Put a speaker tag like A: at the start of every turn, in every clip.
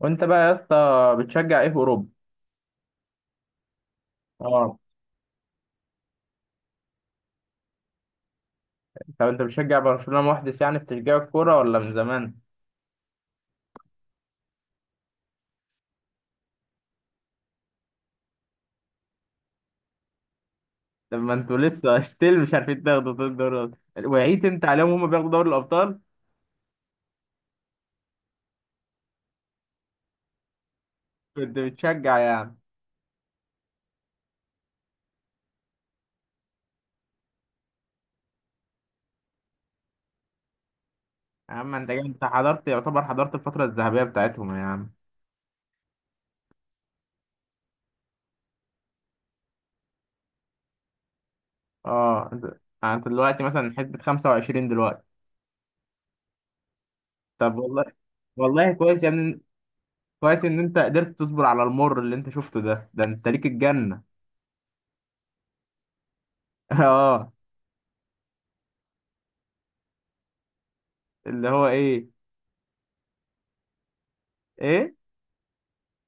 A: وانت بقى يا اسطى بتشجع ايه في اوروبا؟ اه. طب انت بتشجع برشلونة محدث يعني في تشجيع الكوره، ولا من زمان؟ طب ما انتوا لسه ستيل مش عارفين تاخدوا دوري الابطال، وعيت انت عليهم هم بياخدوا دوري الابطال. كنت بتشجع يعني. يا عم انت حضرت، يعتبر حضرت الفتره الذهبيه بتاعتهم يا عم. اه انت. يعني انت دلوقتي مثلا حسبة 25 دلوقتي. طب والله. والله كويس يا ابني. كويس ان انت قدرت تصبر على المر اللي انت شفته ده، ده انت ليك الجنه. اه. اللي هو ايه؟ ايه؟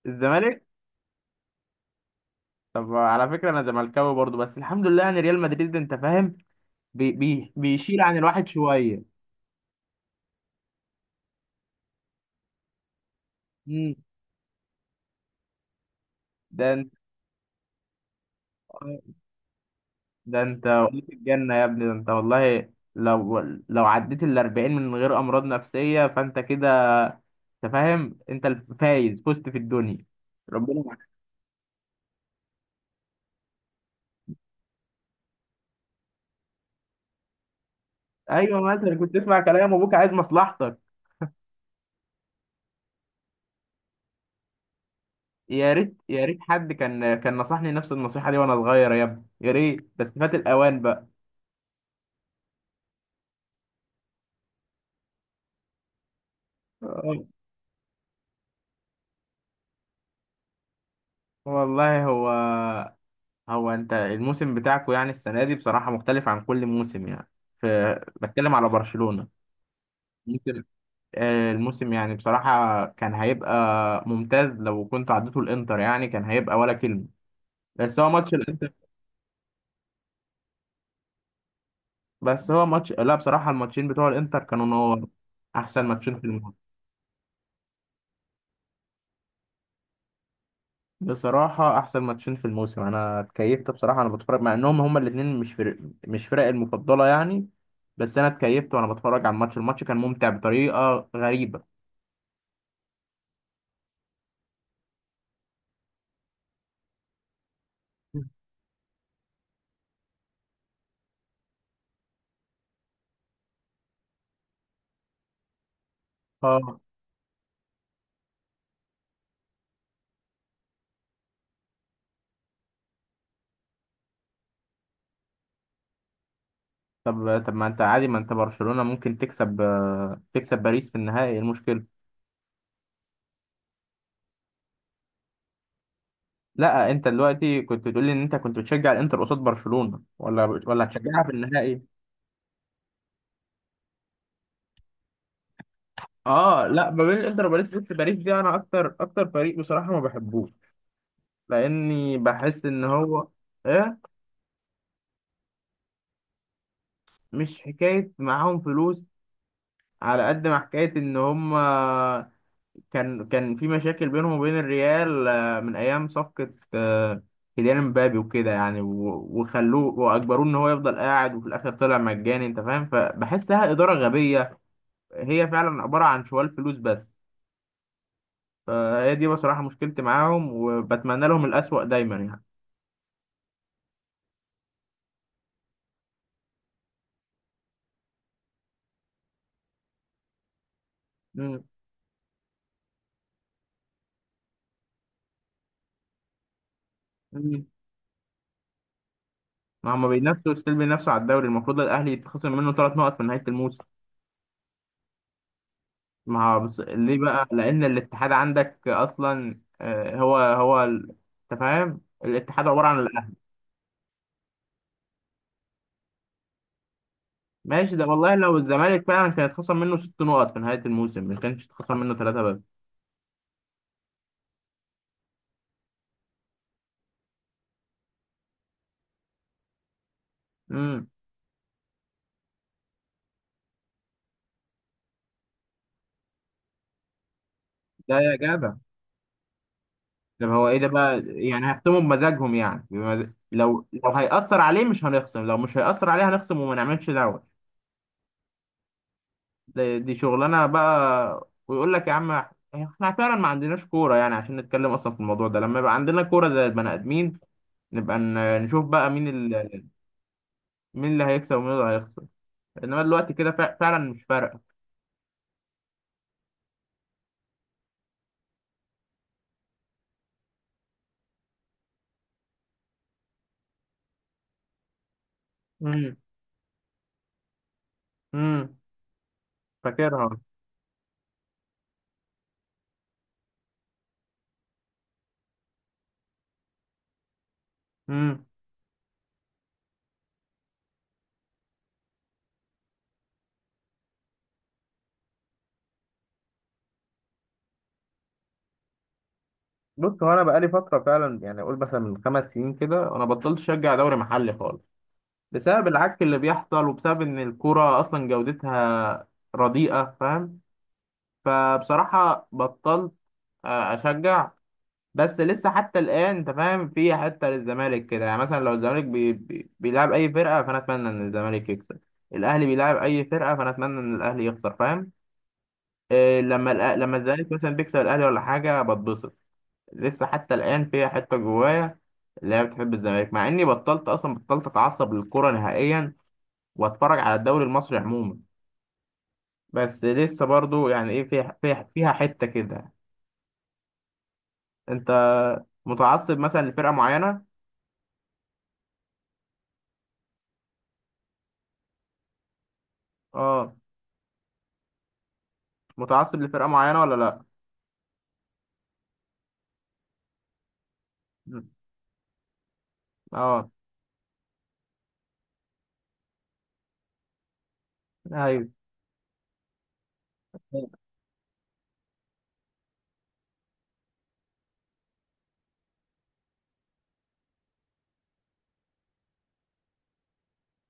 A: الزمالك؟ طب على فكرة أنا زملكاوي برضو، بس الحمد لله يعني ريال مدريد أنت فاهم بي بيشيل عن الواحد شوية. مم. ده أنت. ده أنت وليت الجنة يا ابني، ده أنت والله لو، لو عديت ال 40 من غير أمراض نفسية فأنت كده، أنت فاهم أنت الفايز، فزت في الدنيا. ربنا معاك. أيوه، مثلا كنت تسمع كلام أبوك عايز مصلحتك. يا ريت، يا ريت حد كان نصحني نفس النصيحة دي وأنا صغير يا ابني، يا ريت، بس فات الأوان بقى. آه، والله هو، هو انت الموسم بتاعكو يعني السنه دي بصراحه مختلف عن كل موسم يعني. ف بتكلم على برشلونه. ممكن الموسم يعني بصراحه كان هيبقى ممتاز لو كنت عديته الانتر، يعني كان هيبقى ولا كلمه. بس هو ماتش الانتر. بس هو ماتش، لا بصراحه الماتشين بتوع الانتر كانوا نور، احسن ماتشين في الموسم. بصراحه احسن ماتشين في الموسم، انا اتكيفت بصراحه، انا بتفرج مع انهم هما الاثنين مش فرق، مش فرق المفضله يعني. بس انا اتكيفت وانا بتفرج على الماتش، الماتش كان ممتع بطريقه غريبه. اه. طب طب ما انت عادي، ما انت برشلونة ممكن تكسب، تكسب باريس في النهائي، إيه المشكلة؟ لا انت دلوقتي كنت بتقول لي ان انت كنت بتشجع الانتر قصاد برشلونة، ولا هتشجعها في النهائي؟ اه لا، ما بين الانتر وباريس، بس باريس دي انا اكتر فريق بصراحة ما بحبوش. لاني بحس ان هو. ايه. مش حكاية معاهم فلوس، على قد ما حكاية ان هم كان في مشاكل بينهم وبين الريال من ايام صفقه كيليان مبابي وكده يعني وخلوه واجبروه ان هو يفضل قاعد وفي الاخر طلع مجاني انت فاهم، فبحسها اداره غبيه، هي فعلا عباره عن شوال فلوس بس. فهي دي بصراحه مشكلتي معاهم، وبتمنى لهم الاسوأ دايما يعني. مم. مم. ما هم بينافسوا ستيل، بينافسوا على الدوري، المفروض الاهلي يتخصم منه ثلاث نقط في نهايه الموسم. ما هو ليه بقى؟ لان الاتحاد عندك اصلا هو ال-، انت فاهم الاتحاد عباره عن الاهلي. ماشي ده، والله لو الزمالك فعلا كان اتخصم منه ست نقط في نهايه الموسم ما كانش اتخصم منه ثلاثه بس. امم. ده يا جدع. طب هو ايه ده بقى يعني؟ هيختموا بمزاجهم يعني لو لو هيأثر عليه مش هنخصم، لو مش هيأثر عليه هنخصم وما نعملش دعوه. دي, شغلانه بقى، ويقول لك يا عم احنا فعلا ما عندناش كوره يعني، عشان نتكلم اصلا في الموضوع ده. لما يبقى عندنا كوره زي البني ادمين نبقى نشوف بقى مين ال...، مين اللي هيكسب ومين اللي هيخسر. انما دلوقتي كده فعلا مش فارقه. امم. امم. فاكرها. امم. بص هو انا بقالي فتره فعلا، يعني اقول مثلا من خمس سنين كده، انا بطلت اشجع دوري محلي خالص بسبب العك اللي بيحصل، وبسبب ان الكوره اصلا جودتها رديئه فاهم. فبصراحه بطلت اشجع. بس لسه حتى الآن أنت فاهم في حتة للزمالك كده، يعني مثلا لو الزمالك بيلعب أي فرقة فأنا أتمنى إن الزمالك يكسب. الأهلي بيلعب أي فرقة فأنا أتمنى إن الأهلي يخسر فاهم. إيه لما لما الزمالك مثلا بيكسب الأهلي ولا حاجة بتبسط. لسه حتى الآن فيها حتة جوايا، اللي هي بتحب الزمالك، مع إني بطلت، أصلا بطلت أتعصب للكورة نهائيا وأتفرج على الدوري المصري عموما. بس لسه برضو يعني إيه، فيها فيها حتة كده. أنت متعصب مثلا لفرقة معينة؟ اه، متعصب لفرقة معينة ولا لا؟ اه. ايوه.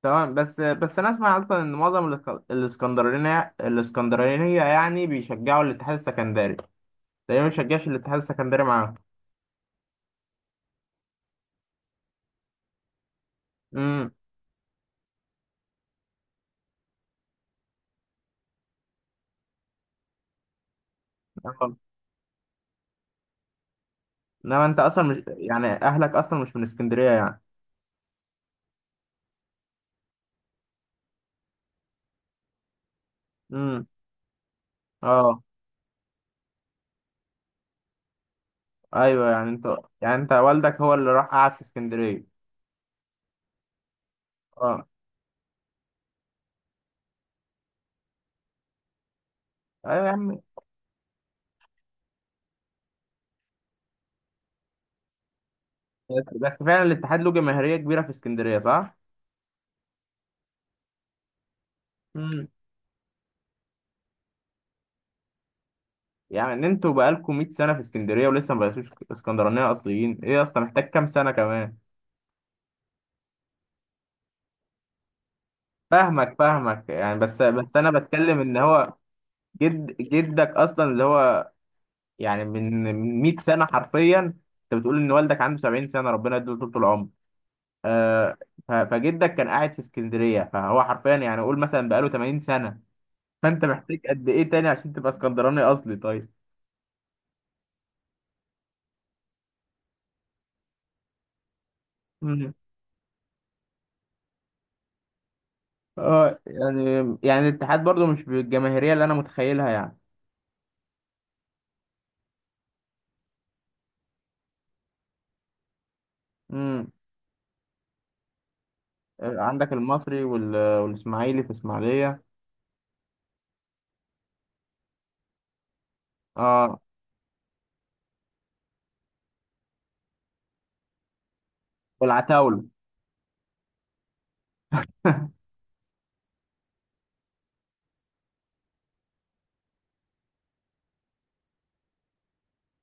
A: تمام. بس بس انا اسمع اصلا ان معظم الاسكندرانية يعني بيشجعوا الاتحاد السكندري. تقريبا ما بيشجعش الاتحاد السكندري معاهم. امم. آه. انما انت اصلا مش يعني، اهلك اصلا مش من اسكندرية يعني. امم. اه. ايوه يعني انت، يعني انت والدك هو اللي راح قعد في اسكندرية. اه. ايوه يا عم. بس بس فعلا الاتحاد له جماهيرية كبيرة في اسكندرية صح؟ امم. يعني انتوا بقالكم 100 سنة في اسكندرية ولسه ما بقيتوش اسكندرانية اصليين؟ ايه اصلا محتاج كام سنة كمان؟ فاهمك فاهمك يعني، بس بس انا بتكلم ان هو جد جدك اصلا اللي هو، يعني من من 100 سنة حرفيا، انت بتقول ان والدك عنده 70 سنة ربنا يديله طول العمر، آه ف- فجدك كان قاعد في اسكندرية، فهو حرفيا يعني قول مثلا بقاله 80 سنة. فانت محتاج قد ايه تاني عشان تبقى اسكندراني اصلي طيب؟ مم. اه يعني، يعني الاتحاد برضو مش بالجماهيرية اللي انا متخيلها يعني. مم. عندك المصري والاسماعيلي في اسماعيليه. اه. والعتاوله.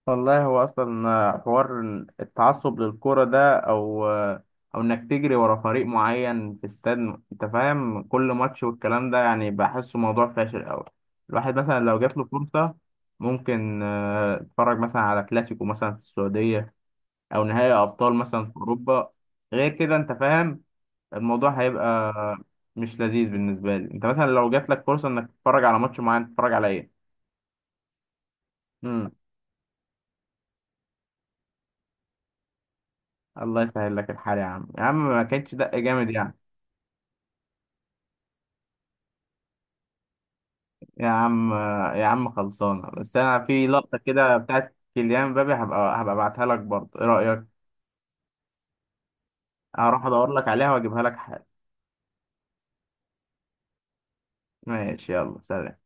A: والله هو اصلا حوار إن التعصب للكرة ده او او انك تجري ورا فريق معين في استاد انت فاهم كل ماتش والكلام ده يعني بحسه موضوع فاشل قوي. الواحد مثلا لو جات له فرصة ممكن يتفرج مثلا على كلاسيكو مثلا في السعودية، او نهائي ابطال مثلا في اوروبا. غير كده انت فاهم الموضوع هيبقى مش لذيذ بالنسبة لي. انت مثلا لو جات لك فرصة انك تتفرج على ماتش معين تتفرج على ايه؟ امم. الله يسهل لك الحال يا عم، يا عم ما كانتش دق جامد يعني. يا عم، يا عم خلصانة، بس انا في لقطة كده بتاعت كيليان مبابي هبقى ابعتها لك برضه ايه رأيك؟ هروح ادور لك عليها واجيبها لك حالا. ماشي يلا سلام.